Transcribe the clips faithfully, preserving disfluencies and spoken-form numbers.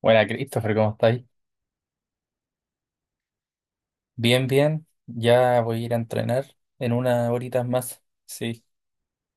Buena, Christopher, ¿cómo estáis? Bien, bien. Ya voy a ir a entrenar en unas horitas más. Sí.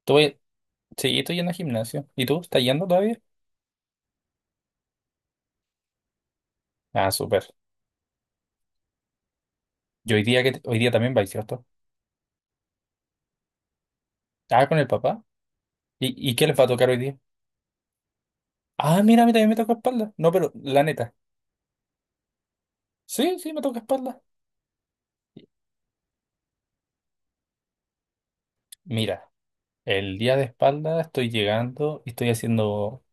Estoy, sí, estoy yendo al gimnasio. ¿Y tú? ¿Estás yendo todavía? Ah, súper. Yo hoy día que hoy día también vais, ¿cierto? Ah, con el papá. ¿Y, y qué les va a tocar hoy día? Ah, mira, a mí también me toca espalda. No, pero la neta. Sí, sí, me toca espalda. Mira, el día de espalda estoy llegando y estoy haciendo.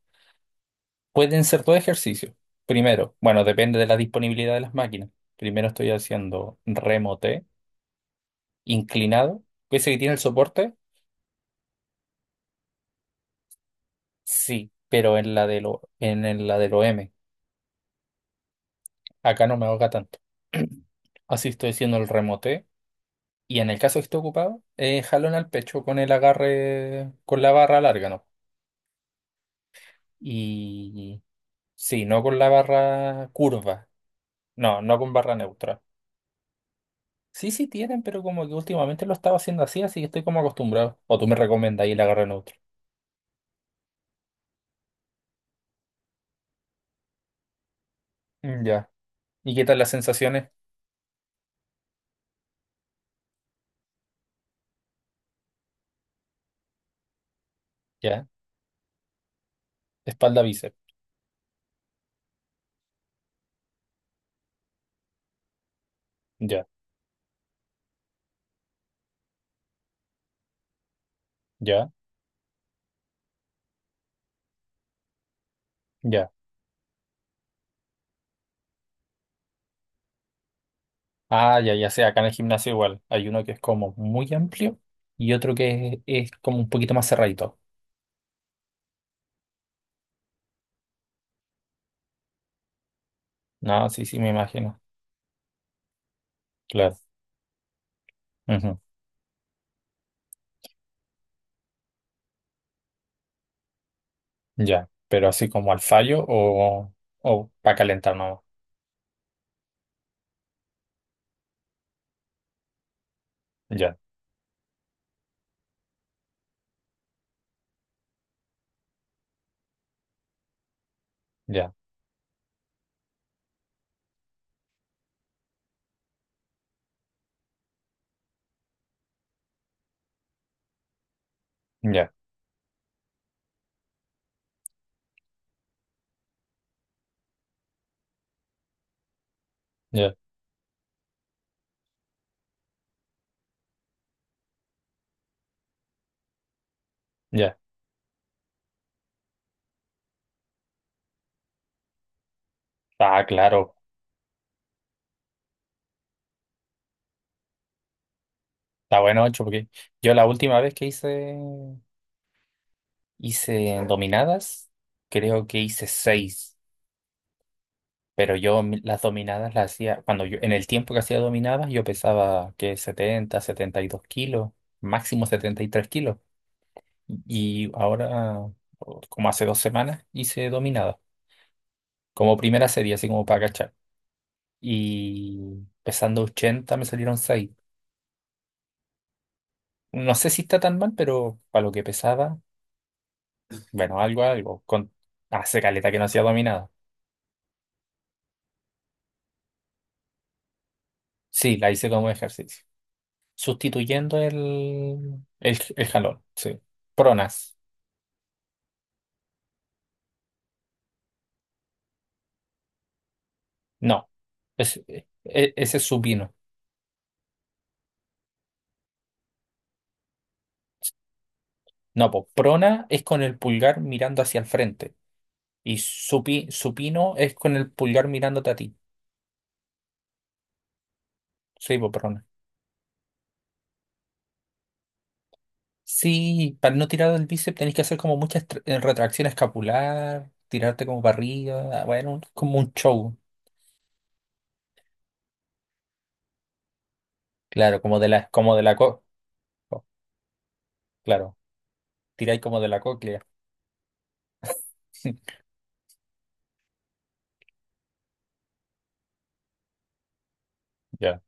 Pueden ser dos ejercicios. Primero, bueno, depende de la disponibilidad de las máquinas. Primero estoy haciendo remote inclinado, pese que tiene el soporte. Sí, pero en la de lo, en, en la de lo M. Acá no me ahoga tanto. Así estoy haciendo el remote. Y en el caso que esté ocupado, eh, jalón al pecho con el agarre, con la barra larga, ¿no? Y sí, no con la barra curva. No, no con barra neutra. Sí, sí tienen, pero como que últimamente lo estaba haciendo así, así que estoy como acostumbrado. O tú me recomiendas ahí el agarre neutro. Mm, ya. ¿Y qué tal las sensaciones? Ya. Espalda bíceps. Ya. Ya. Ya. Ah, ya, ya sé, acá en el gimnasio igual. Hay uno que es como muy amplio y otro que es, es como un poquito más cerradito. No, sí, sí, me imagino. Claro. Ujú, ya. Pero así como al fallo o, o para calentar, no. Ya, ya, ya, ya, ya. Ah, claro. Está bueno, hecho, porque yo la última vez que hice, hice dominadas, creo que hice seis. Pero yo mi- las dominadas las hacía, cuando yo, en el tiempo que hacía dominadas, yo pesaba que setenta, setenta y dos kilos, máximo setenta y tres kilos. Y ahora, o- como hace dos semanas, hice dominadas, como primera serie, así como para cachar. Y pesando ochenta me salieron seis. No sé si está tan mal, pero para lo que pesaba, bueno, algo, algo. Con, hace caleta que no hacía dominada. Sí, la hice como ejercicio. Sustituyendo el, el, el jalón, sí. Pronas. No, es- e- e, ese es supino. No, pues prona es con el pulgar mirando hacia el frente y supi- supino es con el pulgar mirándote a ti. Sí, pues prona. Sí, para no tirar del bíceps tenés que hacer como muchas tr- eh, retracción escapular, tirarte como para arriba, ah, bueno, como un show. Claro, como de la, como de la co, co- claro, tiráis como de la cóclea. Ya,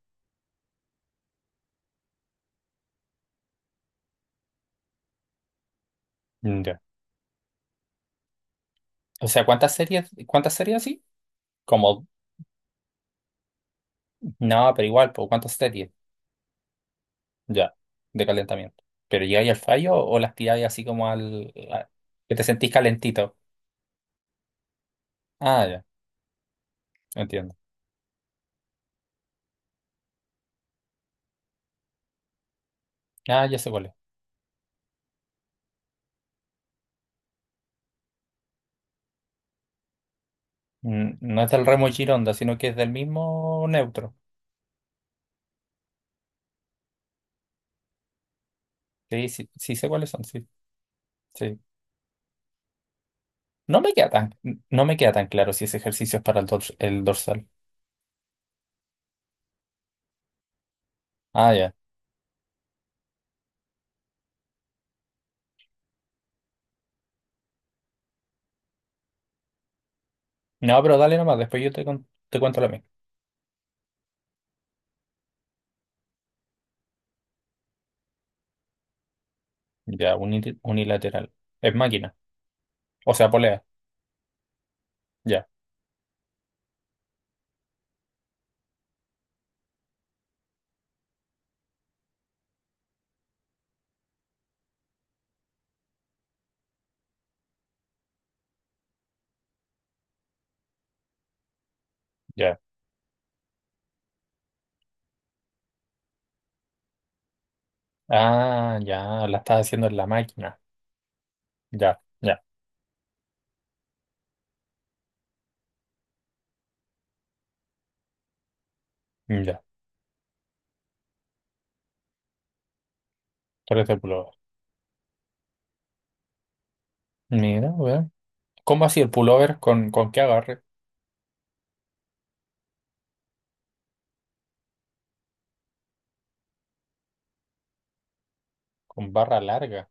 mm, ya. O sea, ¿cuántas series, cuántas series así? Como, no, pero igual, pues, ¿cuántas series? Ya, de calentamiento. ¿Pero llegáis al fallo o las tiráis así como al... a- que te sentís calentito? Ah, ya, entiendo. Ah, ya sé cuál es. Mm, No es del remo Gironda, sino que es del mismo neutro. Sí, sí, sí sé cuáles son, sí. Sí. No me queda tan, no me queda tan claro si ese ejercicio es para el, dors- el dorsal. Ah, ya. No, pero dale nomás, después yo te, con- te cuento la mía. Ya, uni- unilateral. Es máquina. O sea, polea. Ya, ya. Ah, ya, la estás haciendo en la máquina. Ya, ya, ya. Parece pullover. Mira, vea. ¿Cómo así el pullover? ¿Con, con qué agarre? Con barra larga.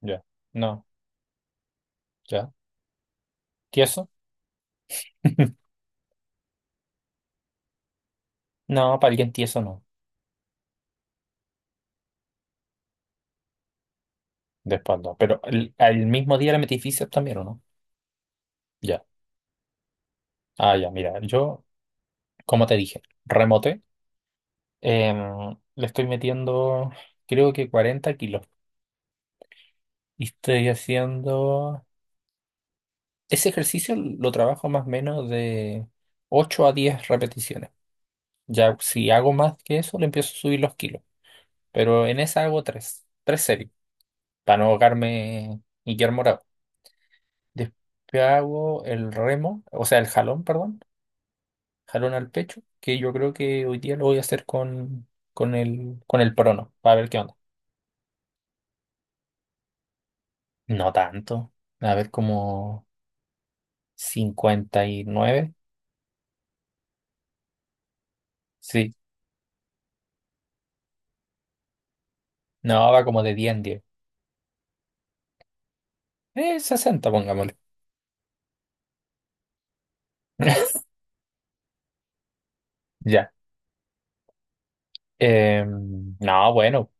Ya. No, ya. ¿Tieso? No, para alguien tieso no. De espalda. Pero el, al mismo día le metí bíceps también, ¿o no? Ya. Ah, ya, mira. Yo, como te dije, remote. em, le estoy metiendo, creo que cuarenta kilos. Y estoy haciendo... Ese ejercicio lo trabajo más o menos de ocho a diez repeticiones. Ya si hago más que eso, le empiezo a subir los kilos. Pero en esa hago tres, tres series, para no ahogarme y quedar morado. Después hago el remo, o sea, el jalón, perdón, jalón al pecho, que yo creo que hoy día lo voy a hacer con, con el, con el prono, para ver qué onda. No tanto, a ver como cincuenta y nueve. Sí, no, va como de diez en diez. Eh, sesenta, pongámosle. Ya. Em, no, bueno,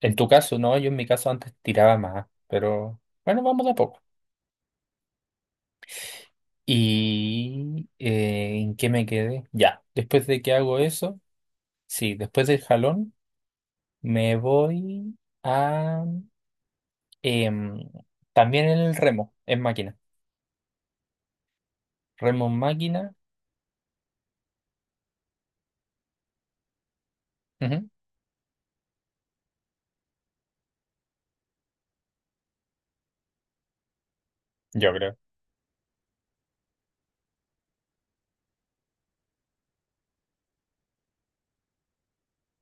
en tu caso, no, yo en mi caso antes tiraba más, pero bueno, vamos de a poco. ¿Y eh, en qué me quedé? Ya, después de que hago eso, sí, después del jalón me voy a... em, también el remo, en máquina. Remo en máquina, ujú, yo creo.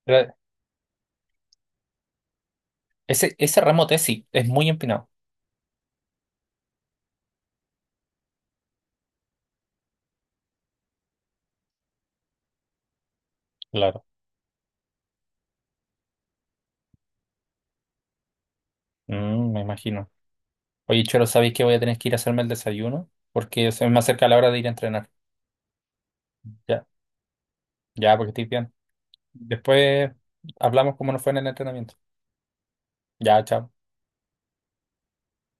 Pero ese, ese remo tesis es muy empinado. Claro, Mm, me imagino. Oye, Cholo, ¿sabéis que voy a tener que ir a hacerme el desayuno? Porque se me acerca la hora de ir a entrenar. Ya, ya, porque estoy bien. Después hablamos cómo nos fue en el entrenamiento. Ya, chao.